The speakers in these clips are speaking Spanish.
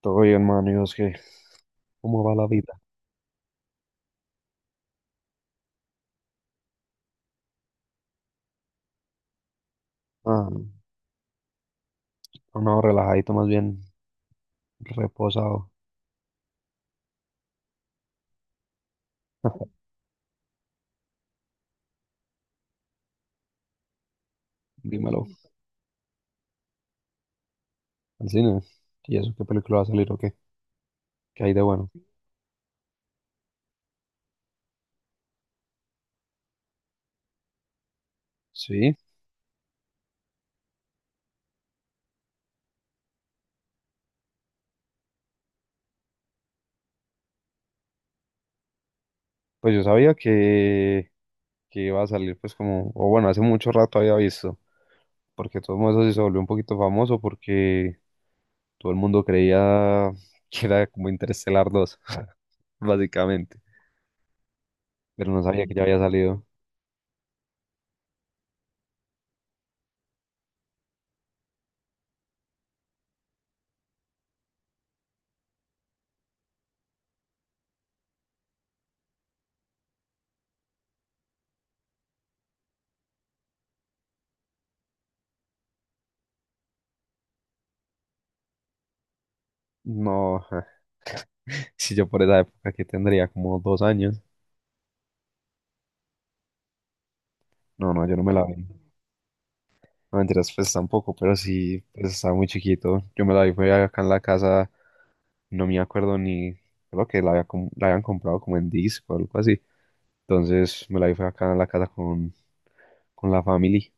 Todo bien, mano. ¿Y es que ¿Cómo va la vida? No, no, relajadito, más bien reposado. Dímelo. Al cine. ¿Y eso qué película va a salir o qué? ¿Qué hay de bueno? Sí, pues yo sabía que iba a salir, pues como, o bueno, hace mucho rato había visto, porque todo eso sí se volvió un poquito famoso porque todo el mundo creía que era como interstellar dos, básicamente, pero no sabía que ya había salido. No, si yo por esa época que tendría como 2 años, no, no, yo no me la vi. No mentiras, pues tampoco, pero sí, pues estaba muy chiquito. Yo me la vi, fue acá en la casa, no me acuerdo ni, creo que la, había la habían comprado como en disco o algo así. Entonces me la vi, fue acá en la casa con la familia.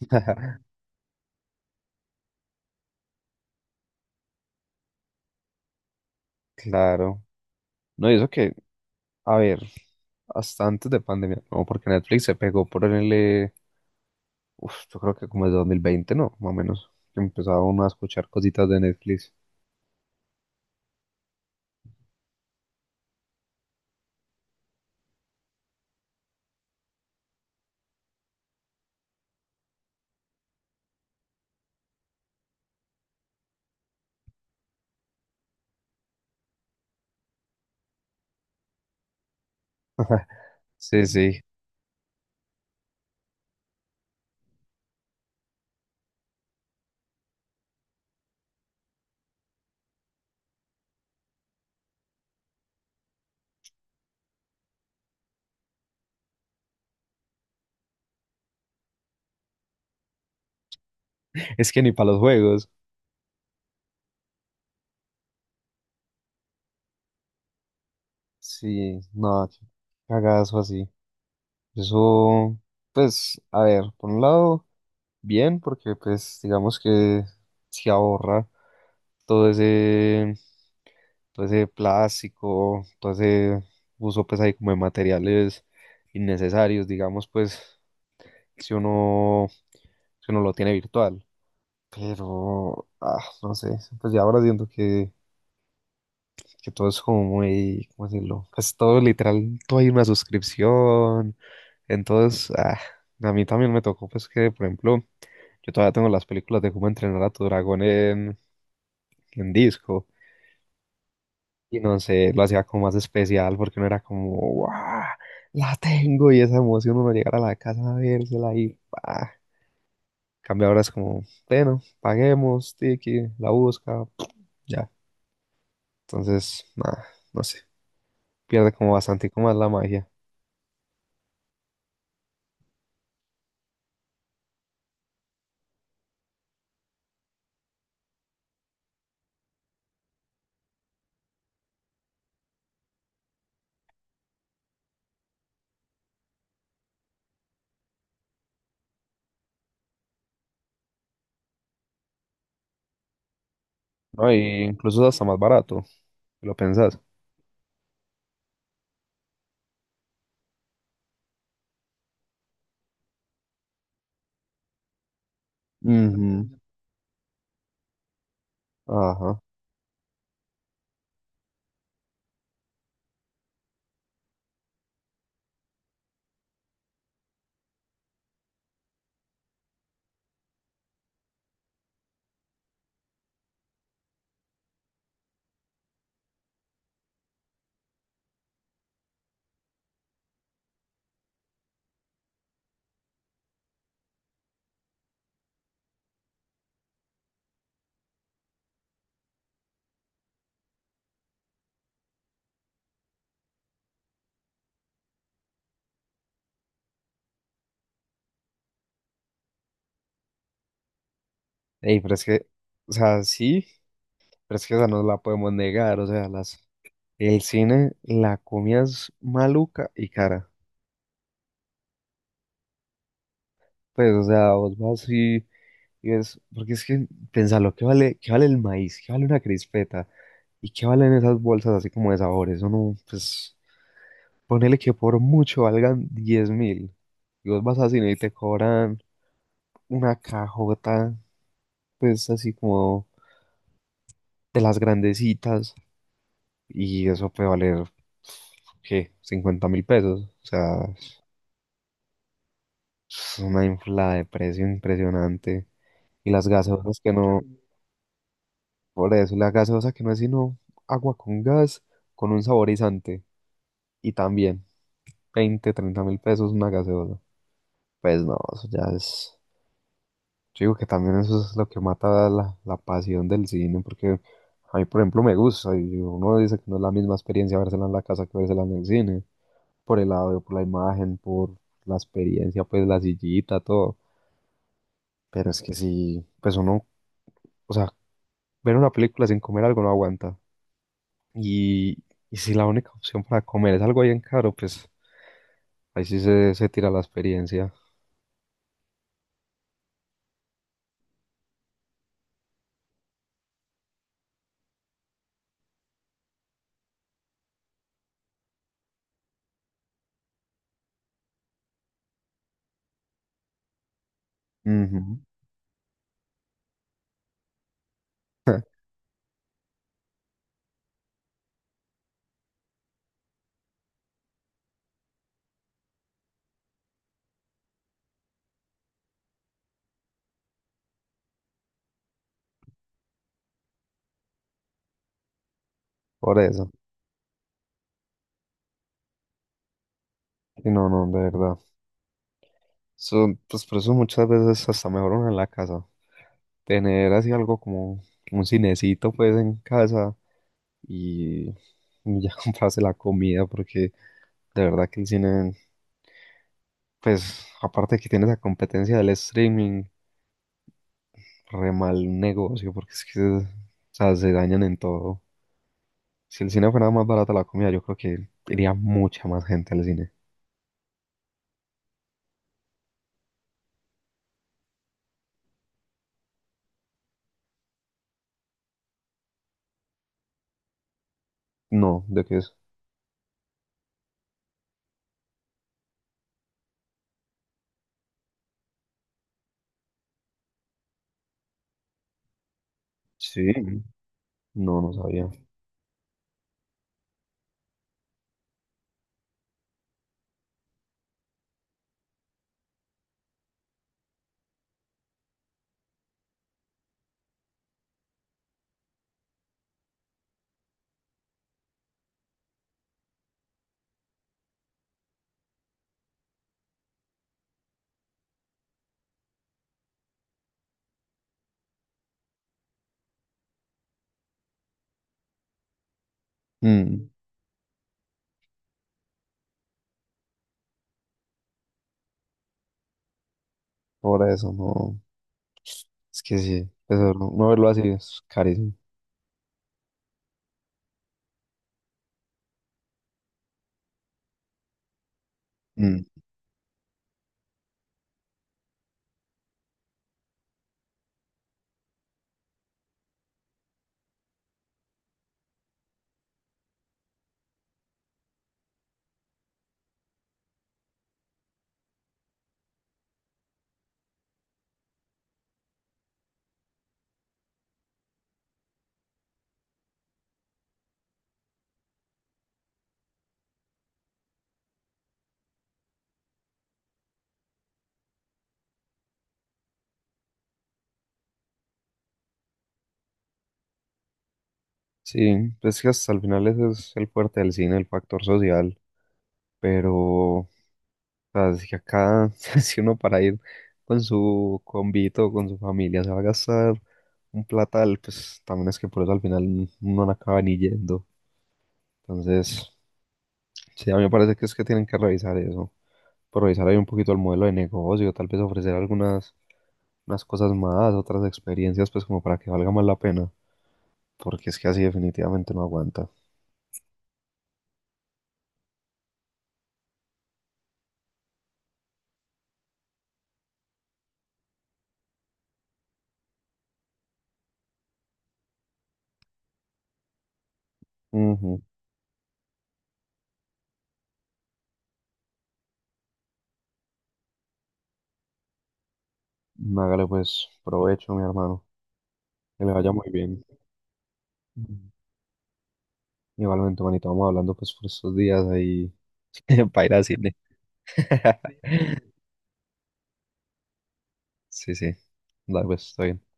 Claro. No, y eso que, a ver, hasta antes de pandemia, no, porque Netflix se pegó por el, yo creo que como el 2020, ¿no? Más o menos, que empezaba uno a escuchar cositas de Netflix. Sí, sí. Es que ni para los juegos. Sí, no, qué cagazo así. Eso, pues, a ver, por un lado, bien, porque pues digamos que se ahorra todo ese, todo ese plástico, todo ese uso pues ahí como de materiales innecesarios, digamos, pues, si uno, si uno lo tiene virtual. Pero, ah, no sé, pues ya ahora siento que todo es como muy, ¿cómo decirlo? Pues todo literal, todo hay una suscripción. Entonces, ah, a mí también me tocó, pues que, por ejemplo, yo todavía tengo las películas de cómo entrenar a tu dragón en disco. Y no sé, lo hacía como más especial porque no era como, ¡guau! La tengo y esa emoción uno llegar a la casa a vérsela y ¡pah! En cambio ahora es como, bueno, paguemos, tiki, la busca, ya. Entonces, nada, no sé, pierde como bastante como más la magia. No, y incluso es hasta más barato, si lo pensás. Ujú. Ajá. Ey, pero es que, o sea, sí, pero es que esa no la podemos negar, o sea, el cine, la comida es maluca y cara. Pues, o sea, vos vas y ves, porque es que, pensalo, qué vale el maíz? ¿Qué vale una crispeta? ¿Y qué valen esas bolsas así como de sabores? Uno, pues, ponele que por mucho valgan 10.000. Y vos vas al cine y te cobran una cajota, pues, así como de las grandecitas y eso puede valer, ¿qué? 50.000 pesos. O sea, es una inflada de precio impresionante. Y las gaseosas que no, por eso, y la gaseosa que no es sino agua con gas, con un saborizante. Y también veinte, 30.000 pesos una gaseosa. Pues no, eso ya es... Yo digo que también eso es lo que mata la pasión del cine, porque a mí, por ejemplo, me gusta y uno dice que no es la misma experiencia vérsela en la casa que vérsela en el cine, por el audio, por la imagen, por la experiencia, pues la sillita, todo. Pero es que si, pues uno, o sea, ver una película sin comer algo no aguanta. Y, y si la única opción para comer es algo bien caro, pues ahí sí se tira la experiencia. Ujú. Por eso. Y no, no, de verdad. So, pues por eso muchas veces hasta mejor uno en la casa. Tener así algo como un cinecito pues en casa y y ya comprarse la comida porque de verdad que el cine, pues aparte que tiene esa competencia del streaming, re mal negocio porque es que o sea, se dañan en todo. Si el cine fuera más barata la comida, yo creo que iría mucha más gente al cine. No, ¿de qué es? Sí. No, no sabía. Mm, por eso no. Es que sí, eso, no, no verlo así es carísimo. Mm. Sí, pues que hasta el final ese es el fuerte del cine, el factor social, pero o sea, es que acá si uno para ir con su convito, con su familia, se va a gastar un platal, pues también es que por eso al final uno no acaba ni yendo. Entonces, sí, a mí me parece que es que tienen que revisar eso, por revisar ahí un poquito el modelo de negocio, tal vez ofrecer algunas unas cosas más, otras experiencias, pues como para que valga más la pena, porque es que así definitivamente no aguanta. Ujú. Hágale pues provecho, mi hermano, que le vaya muy bien. Ujú. Igualmente, manito, vamos hablando pues por estos días ahí para ir al cine. Sí, sí, dale pues, está bien.